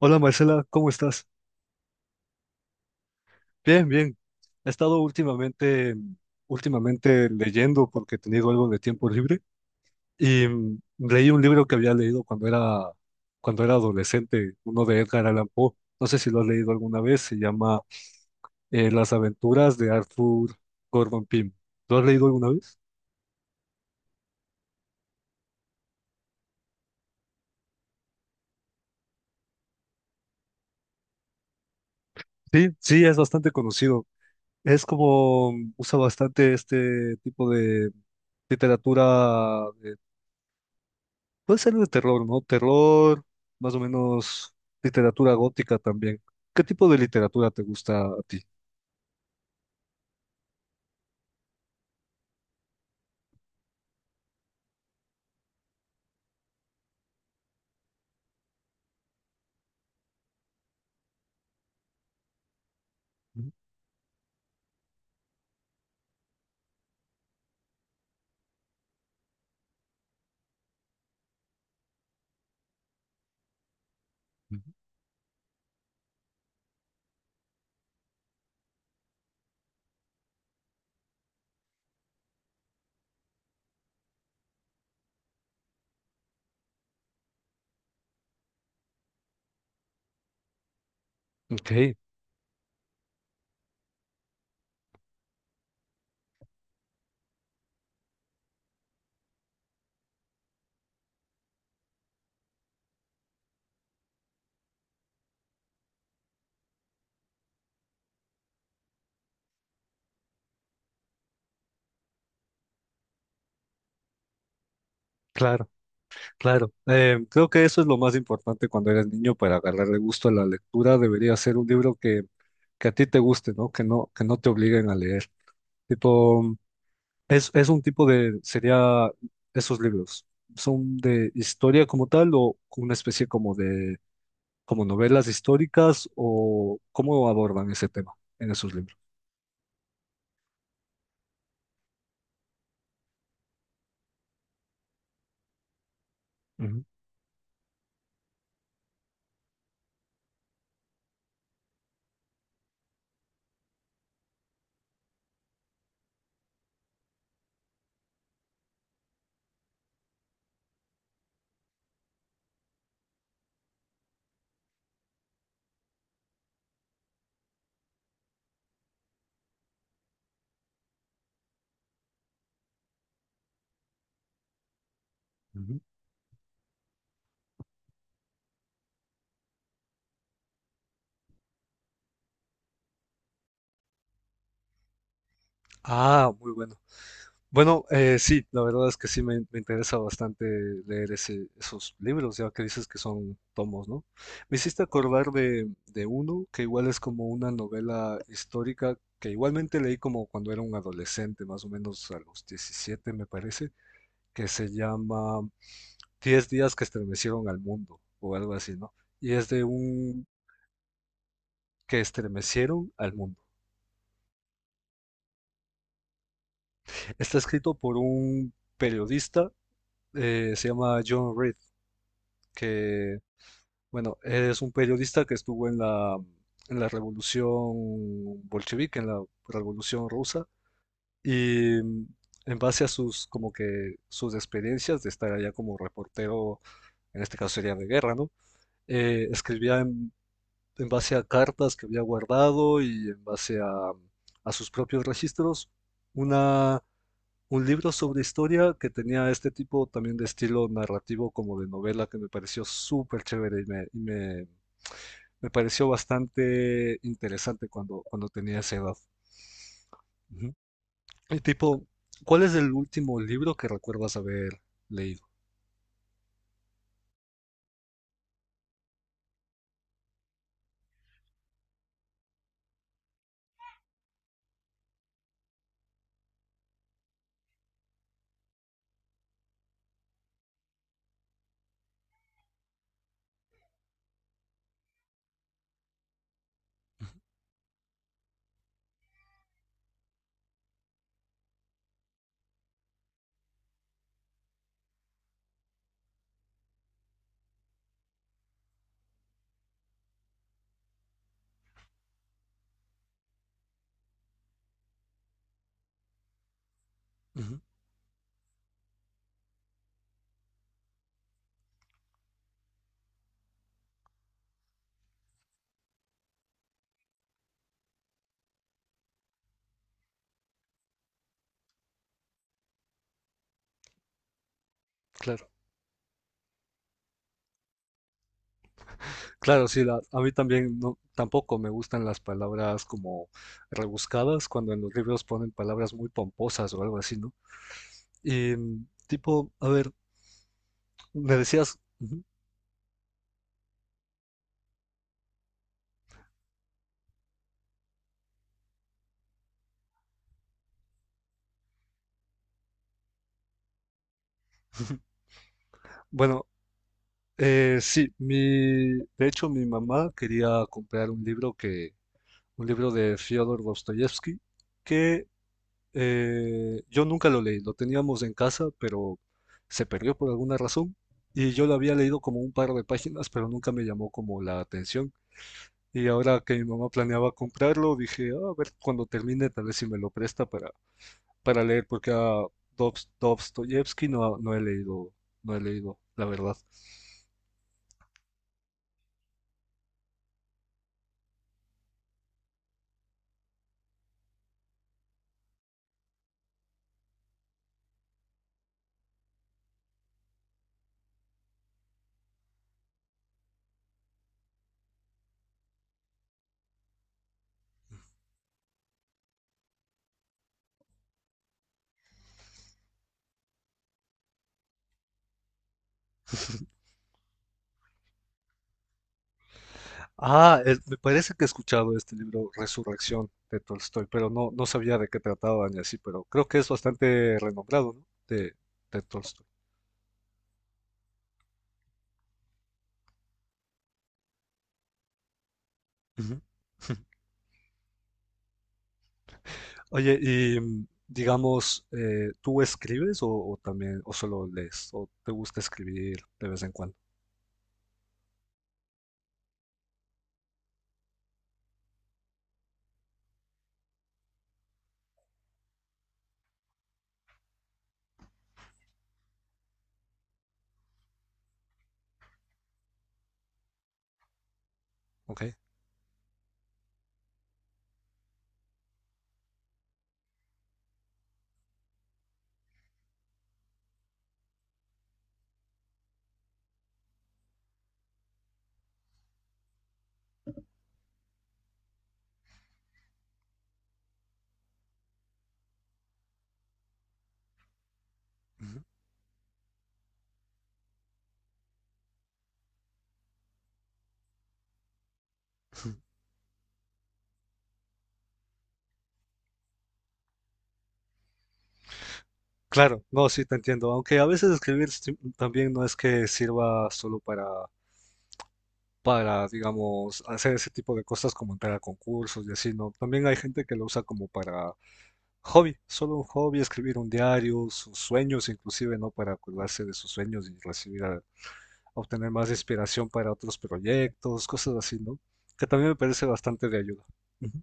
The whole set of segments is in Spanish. Hola Marcela, ¿cómo estás? Bien, bien. He estado últimamente leyendo porque he tenido algo de tiempo libre y leí un libro que había leído cuando era adolescente, uno de Edgar Allan Poe. No sé si lo has leído alguna vez, se llama Las aventuras de Arthur Gordon Pym. ¿Lo has leído alguna vez? Sí, sí, es bastante conocido. Es como usa bastante este tipo de literatura. Puede ser de terror, ¿no? Terror, más o menos literatura gótica también. ¿Qué tipo de literatura te gusta a ti? Ujú, ujú. Ok, claro, claro. Creo que eso es lo más importante cuando eres niño para agarrarle gusto a la lectura. Debería ser que a ti te guste, ¿no? Que no te obliguen a leer. Tipo, es un tipo de, sería esos libros. ¿Son de historia como tal o una especie como de como novelas históricas o cómo abordan ese tema en esos libros? Ujú, ujú. Ah, muy bueno. Bueno, sí, la verdad es que sí me interesa bastante leer esos libros, ya que dices que son tomos, ¿no? Me hiciste acordar de uno que igual es como una novela histórica que igualmente leí como cuando era un adolescente, más o menos a los 17 me parece, que se llama 10 días que estremecieron al mundo o algo así, ¿no? Y es de un que estremecieron al mundo. Está escrito por un periodista, se llama John Reed, que, bueno, es un periodista que estuvo en la revolución bolchevique, en la revolución rusa, y en base a sus experiencias de estar allá como reportero, en este caso sería de guerra, ¿no? Escribía en base a cartas que había guardado y en base a sus propios registros, una, un libro sobre historia que tenía este tipo también de estilo narrativo como de novela que me pareció súper chévere y me pareció bastante interesante cuando tenía esa edad. Ujú. Y tipo, ¿cuál es el último libro que recuerdas haber leído? Ujú, claro. Claro, sí, a mí también no, tampoco me gustan las palabras como rebuscadas cuando en los libros ponen palabras muy pomposas o algo así, ¿no? Y tipo, a ver, me decías, ujú. Bueno, sí, de hecho mi mamá quería comprar un libro de Fyodor Dostoyevsky que yo nunca lo leí, lo teníamos en casa, pero se perdió por alguna razón y yo lo había leído como un par de páginas, pero nunca me llamó como la atención. Y ahora que mi mamá planeaba comprarlo, dije, "Ah, a ver, cuando termine, tal vez si me lo presta para leer, porque a Dostoyevsky no, no he leído, la verdad." Ah, es- me parece que he escuchado este libro Resurrección de Tolstoy, pero no, no sabía de qué trataba ni así, pero creo que es bastante renombrado, ¿no? De Tolstoy. Ujú. Oye, y digamos, ¿tú escribes o también, o solo lees, o te gusta escribir de vez en cuando? ¿Ok? Ujú. Claro, no, sí te entiendo, aunque a veces escribir también no es que sirva solo para, digamos, hacer ese tipo de cosas como entrar a concursos y así, ¿no? También hay gente que lo usa como para hobby, solo un hobby, escribir un diario, sus sueños inclusive, ¿no? Para acordarse de sus sueños y recibir obtener más inspiración para otros proyectos, cosas así, ¿no? Que también me parece bastante de ayuda. Ujú.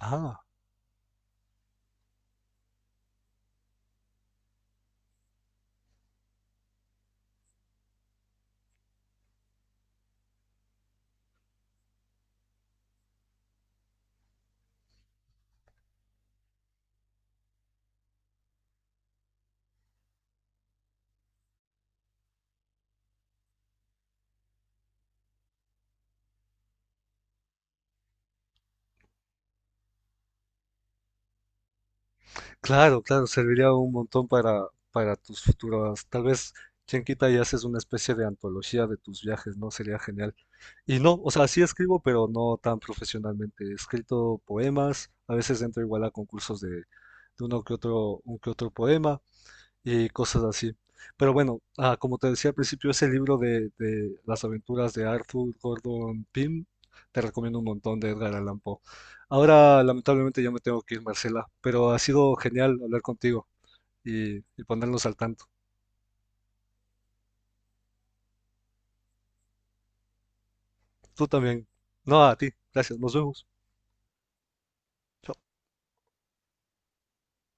Ah, claro, claro, serviría un montón para tus futuras. Tal vez, quien quita y haces una especie de antología de tus viajes, ¿no? Sería genial. Y no, o sea, sí escribo, pero no tan profesionalmente. He escrito poemas, a veces entro igual a concursos de uno que otro, un que otro poema, y cosas así. Pero bueno, ah, como te decía al principio, ese libro de las aventuras de Arthur Gordon Pym, te recomiendo un montón de Edgar Allan Poe. Ahora, lamentablemente, ya me tengo que ir, Marcela, pero ha sido genial hablar contigo y ponernos al tanto. Tú también. No, a ti. Gracias. Nos vemos.